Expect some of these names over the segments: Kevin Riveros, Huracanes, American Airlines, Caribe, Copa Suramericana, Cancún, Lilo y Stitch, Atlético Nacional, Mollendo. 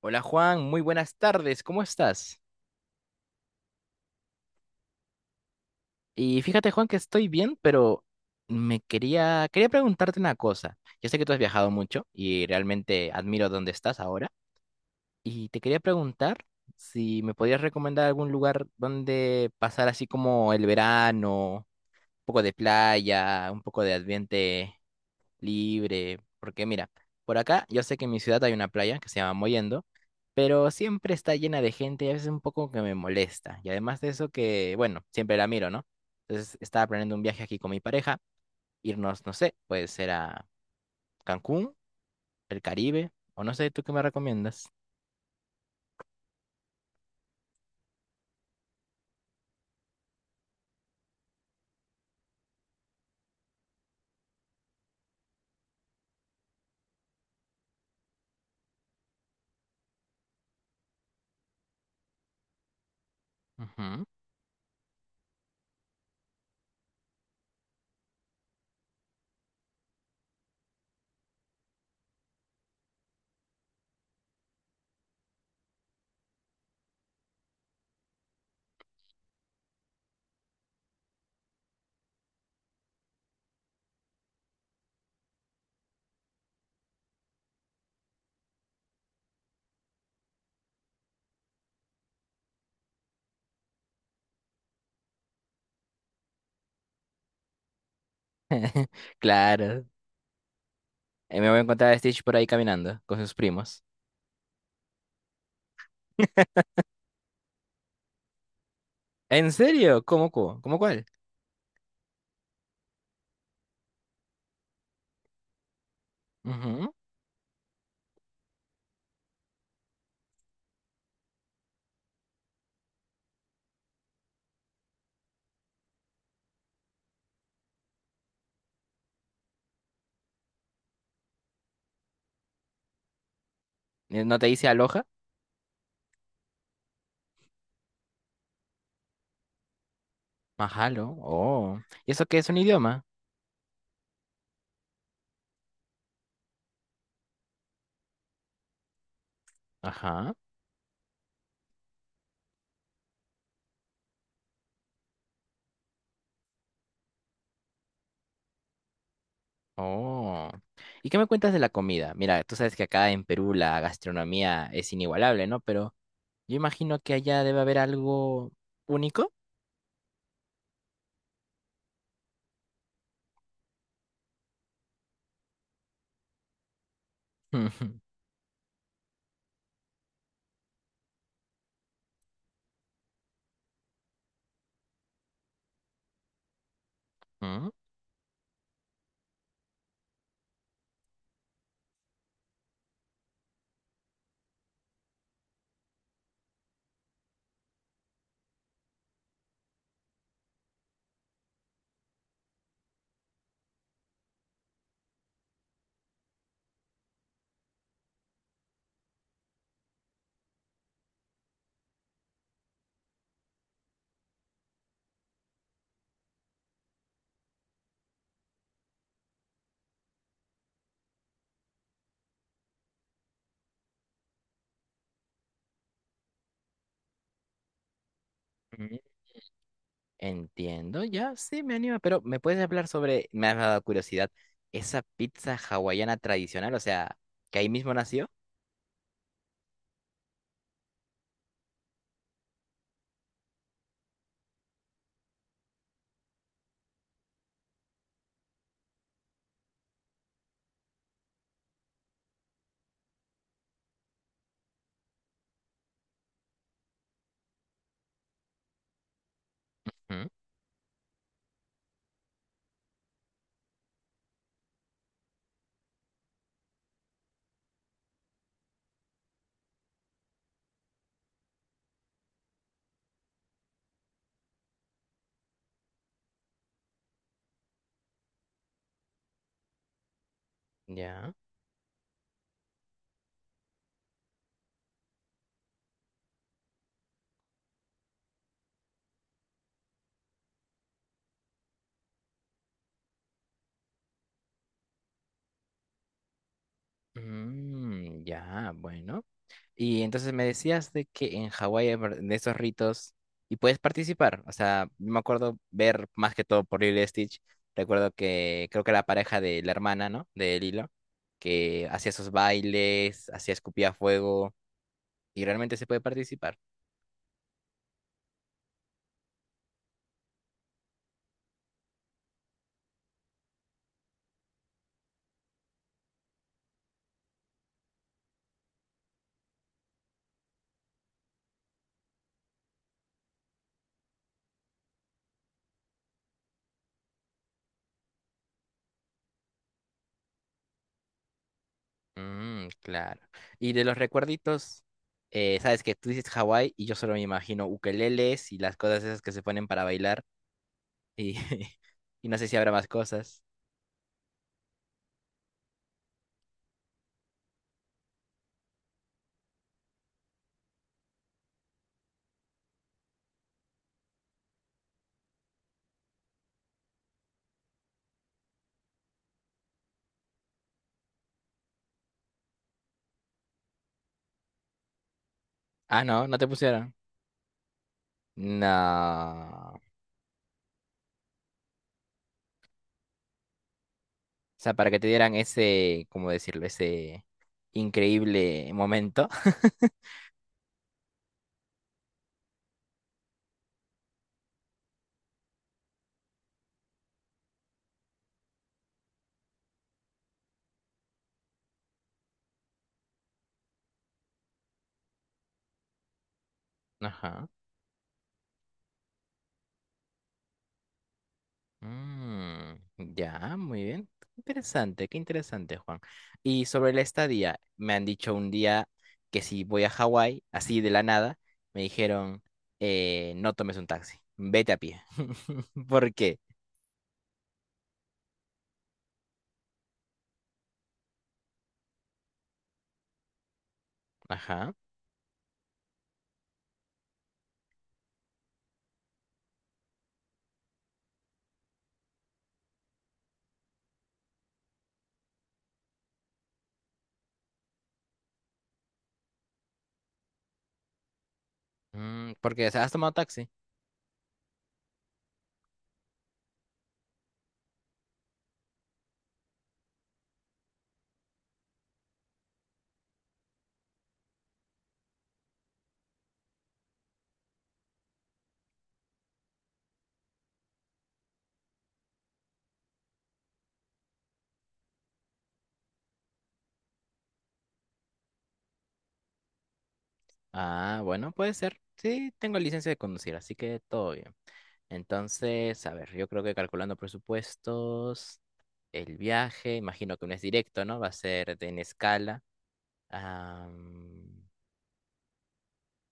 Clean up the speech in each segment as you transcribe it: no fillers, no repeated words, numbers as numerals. Hola Juan, muy buenas tardes, ¿cómo estás? Y fíjate Juan que estoy bien, pero quería preguntarte una cosa. Yo sé que tú has viajado mucho y realmente admiro dónde estás ahora. Y te quería preguntar si me podías recomendar algún lugar donde pasar así como el verano, un poco de playa, un poco de ambiente libre. Porque mira, por acá yo sé que en mi ciudad hay una playa que se llama Mollendo, pero siempre está llena de gente y a veces un poco que me molesta. Y además de eso que, bueno, siempre la miro, ¿no? Entonces estaba planeando un viaje aquí con mi pareja, irnos, no sé, puede ser a Cancún, el Caribe, o no sé, ¿tú qué me recomiendas? Ujú. Claro. Me voy a encontrar a Stitch por ahí caminando con sus primos. ¿En serio? ¿Cómo cuál? Ujú. ¿No te dice aloja? Mahalo. Oh. ¿Y eso qué es un idioma? Ajá. Oh. ¿Y qué me cuentas de la comida? Mira, tú sabes que acá en Perú la gastronomía es inigualable, ¿no? Pero yo imagino que allá debe haber algo único. Mm, mm. Entiendo, ya, sí, me anima, pero ¿me puedes hablar sobre, me ha dado curiosidad, esa pizza hawaiana tradicional, o sea, que ahí mismo nació? Mm. Ya. Mm, ya, bueno. Y entonces me decías de que en Hawái hay de estos ritos y puedes participar. O sea, yo me acuerdo ver más que todo por Lilo y Stitch. Recuerdo que creo que la pareja de la hermana, ¿no? De Lilo, que hacía esos bailes, hacía escupía fuego y realmente se puede participar. Mm, claro. Y de los recuerditos, sabes que tú dices Hawái y yo solo me imagino ukeleles y las cosas esas que se ponen para bailar y, y no sé si habrá más cosas. Ah, no, no te pusieron. No. O sea, para que te dieran ese, ¿cómo decirlo? Ese increíble momento. Ajá. Mm, ya, muy bien. Interesante, qué interesante, Juan. Y sobre la estadía, me han dicho un día que si voy a Hawái, así de la nada, me dijeron, no tomes un taxi, vete a pie. ¿Por qué? Ajá. Porque, o sea, has tomado taxi. Ah, bueno, puede ser. Sí, tengo licencia de conducir, así que todo bien. Entonces, a ver, yo creo que calculando presupuestos, el viaje, imagino que no es directo, ¿no? Va a ser en escala. Am,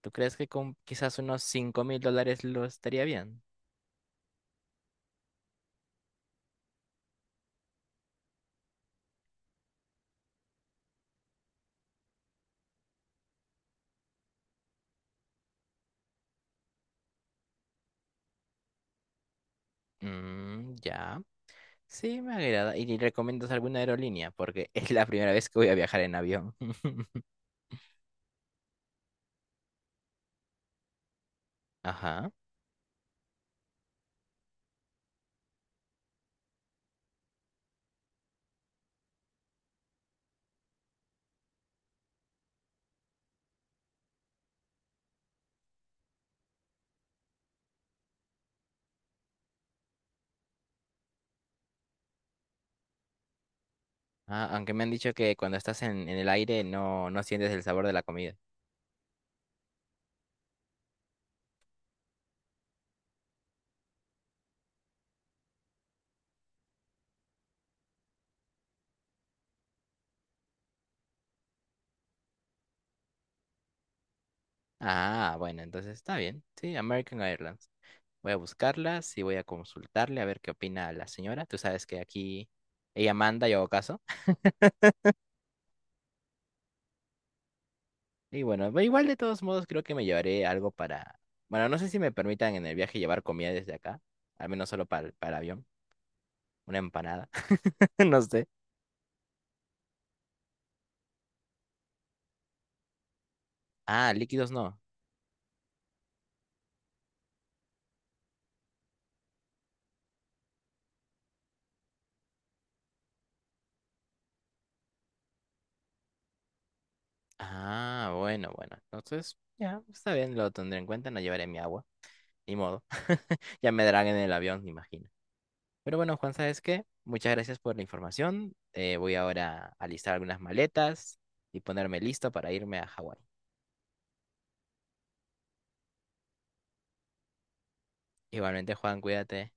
¿Tú crees que con quizás unos $5000 lo estaría bien? Mm, ya. Sí, me agrada. ¿Y recomiendas alguna aerolínea? Porque es la primera vez que voy a viajar en avión. Ajá. Ah, aunque me han dicho que cuando estás en el aire no sientes el sabor de la comida. Ah, bueno, entonces está bien. Sí, American Airlines. Voy a buscarlas y voy a consultarle a ver qué opina la señora. Tú sabes que aquí ella manda, yo hago caso. Y bueno, ve igual de todos modos creo que me llevaré algo para... Bueno, no sé si me permitan en el viaje llevar comida desde acá. Al menos solo para el avión. Una empanada. No sé. Ah, líquidos no. Ah, bueno, bueno. Entonces, ya, está bien, lo tendré en cuenta. No llevaré mi agua. Ni modo. Ya me darán en el avión, me imagino. Pero bueno, Juan, ¿sabes qué? Muchas gracias por la información. Voy ahora a listar algunas maletas y ponerme listo para irme a Hawái. Igualmente, Juan, cuídate.